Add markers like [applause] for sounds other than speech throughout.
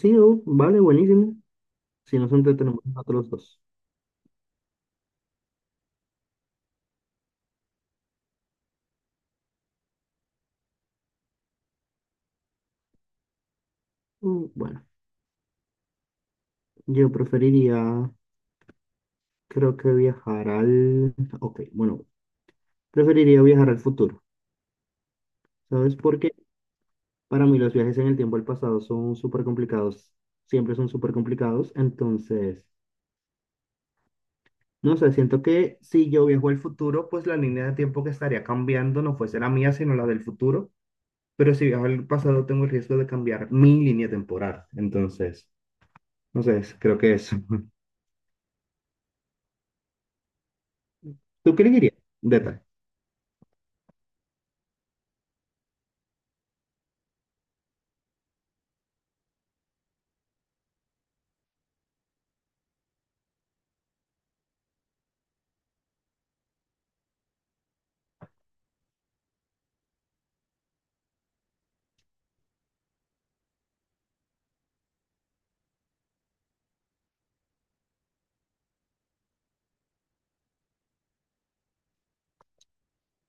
Sí, oh, vale, buenísimo. Si nos entretenemos nosotros dos. Bueno, yo preferiría, creo que viajar al... Ok, bueno, preferiría viajar al futuro. ¿Sabes por qué? Para mí los viajes en el tiempo al pasado son súper complicados. Siempre son súper complicados. Entonces, no sé, siento que si yo viajo al futuro, pues la línea de tiempo que estaría cambiando no fuese la mía, sino la del futuro. Pero si viajo al pasado, tengo el riesgo de cambiar mi línea temporal. Entonces, no sé, creo que eso. [laughs] ¿Tú qué le dirías? Detalle.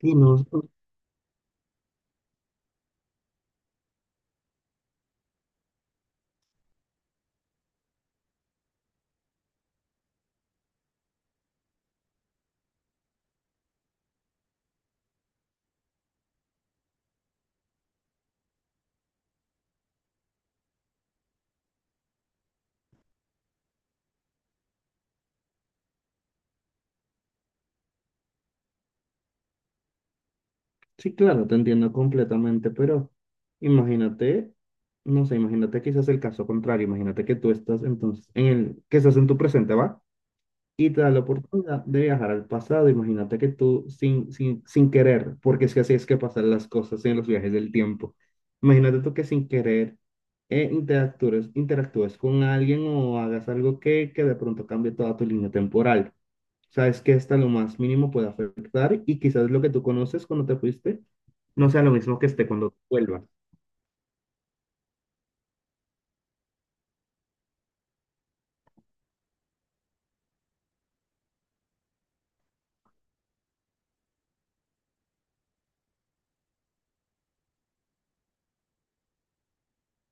Y no, sí, claro, te entiendo completamente, pero imagínate, no sé, imagínate quizás el caso contrario, imagínate que tú estás entonces en el, que estás en tu presente, ¿va? Y te da la oportunidad de viajar al pasado, imagínate que tú sin querer, porque es que así es que pasan las cosas en los viajes del tiempo, imagínate tú que sin querer interactúes con alguien o hagas algo que de pronto cambie toda tu línea temporal. Sabes que hasta lo más mínimo puede afectar y quizás lo que tú conoces cuando te fuiste no sea lo mismo que esté cuando vuelvas.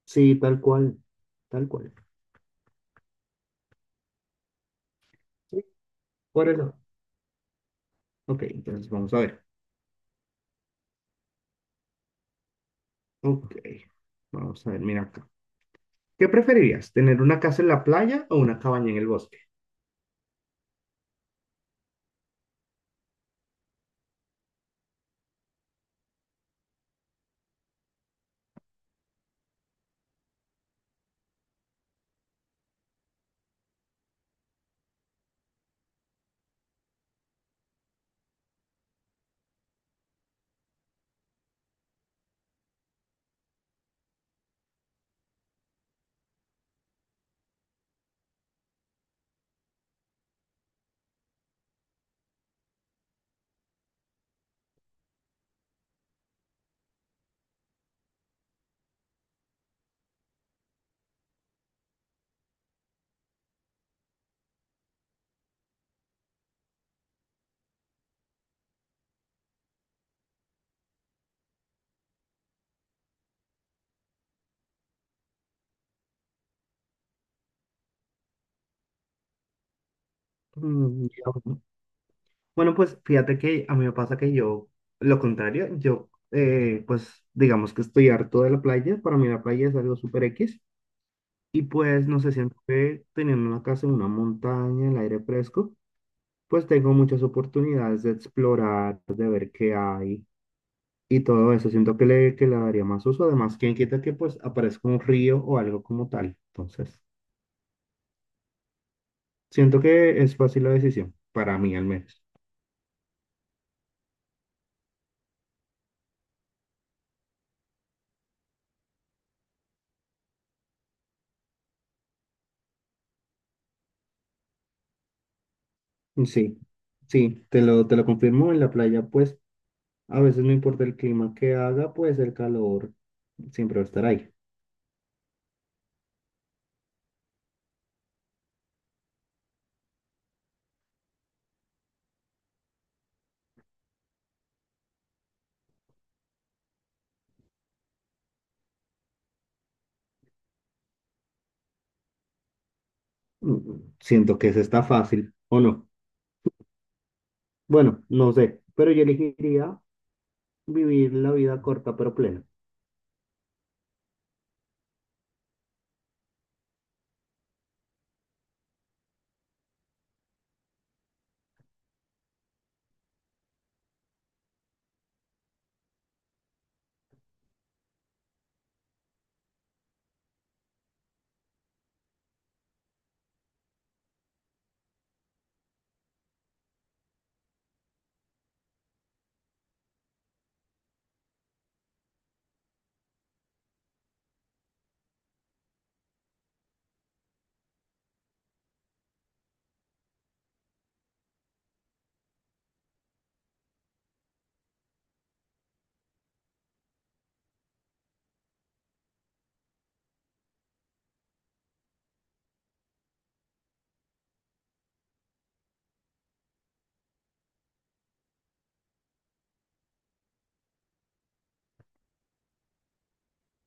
Sí, tal cual, tal cual. Sí, por eso. Ok, entonces vamos a ver. Ok, vamos a ver, mira acá. ¿Qué preferirías, tener una casa en la playa o una cabaña en el bosque? Mm, ya, bueno. Bueno, pues fíjate que a mí me pasa que yo, lo contrario, yo, pues digamos que estoy harto de la playa, para mí la playa es algo súper X. Y pues, no sé, siento que teniendo una casa en una montaña, en el aire fresco, pues tengo muchas oportunidades de explorar, de ver qué hay y todo eso. Siento que que le daría más uso. Además, quién quita que pues aparezca un río o algo como tal. Entonces, siento que es fácil la decisión, para mí al menos. Sí, sí, te lo confirmo. En la playa, pues, a veces no importa el clima que haga, pues el calor siempre va a estar ahí. Siento que se está fácil, ¿o no? Bueno, no sé, pero yo elegiría vivir la vida corta pero plena.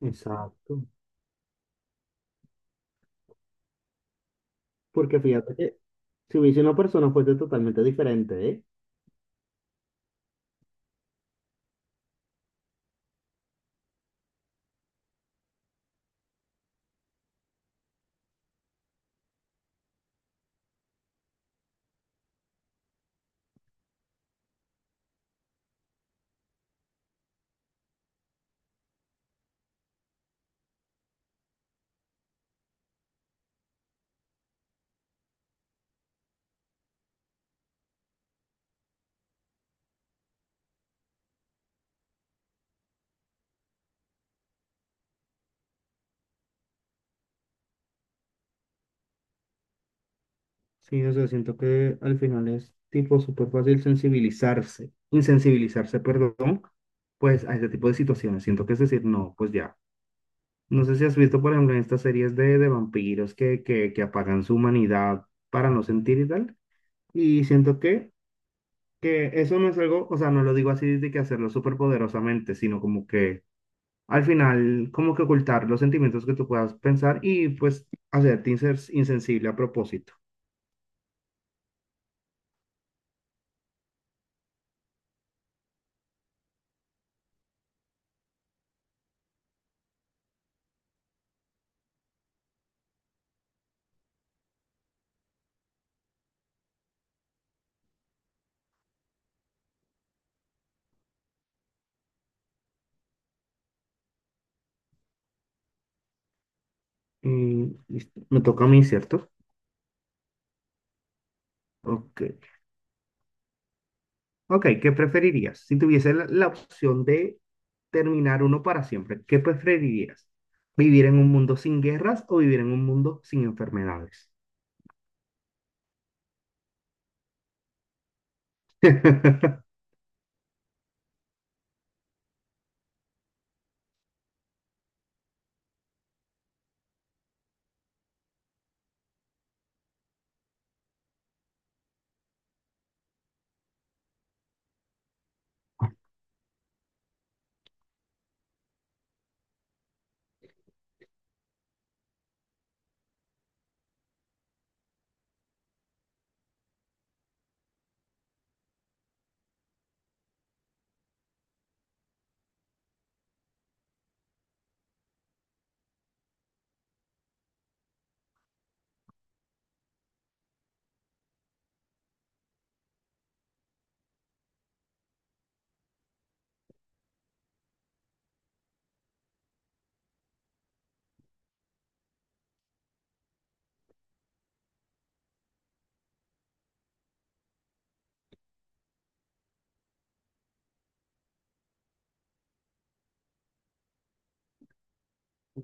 Exacto. Porque fíjate que si hubiese una persona fuese totalmente diferente, ¿eh? Sí, o sea, siento que al final es tipo súper fácil sensibilizarse, insensibilizarse, perdón, pues a este tipo de situaciones. Siento que es decir, no, pues ya. No sé si has visto, por ejemplo, en estas series de vampiros que apagan su humanidad para no sentir y tal. Y siento que eso no es algo, o sea, no lo digo así de que hacerlo súper poderosamente, sino como que al final, como que ocultar los sentimientos que tú puedas pensar y pues hacerte insen- insensible a propósito. Y listo, me toca a mí, ¿cierto? Ok. Ok, ¿qué preferirías? Si tuviese la, la opción de terminar uno para siempre, ¿qué preferirías? ¿Vivir en un mundo sin guerras o vivir en un mundo sin enfermedades? [laughs]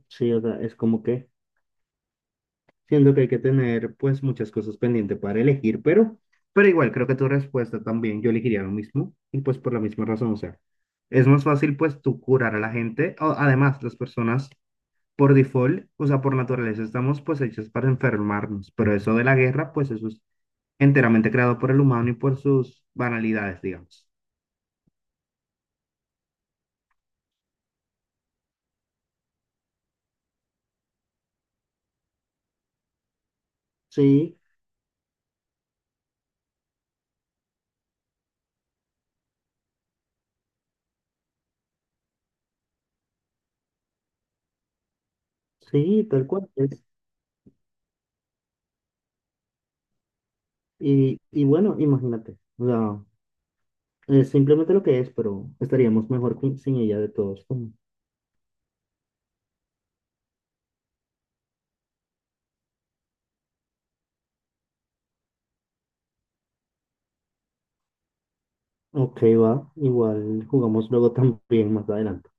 Sí, o sea, es como que siendo que hay que tener pues muchas cosas pendientes para elegir, pero igual creo que tu respuesta también yo elegiría lo mismo y pues por la misma razón, o sea, es más fácil pues tú curar a la gente, o, además las personas por default, o sea, por naturaleza estamos pues hechas para enfermarnos, pero eso de la guerra pues eso es enteramente creado por el humano y por sus banalidades, digamos. Sí, sí, tal cual es. Y bueno, imagínate, o sea, es simplemente lo que es, pero estaríamos mejor con- sin ella de todos. Ok, va. Igual jugamos luego [laughs] también más adelante.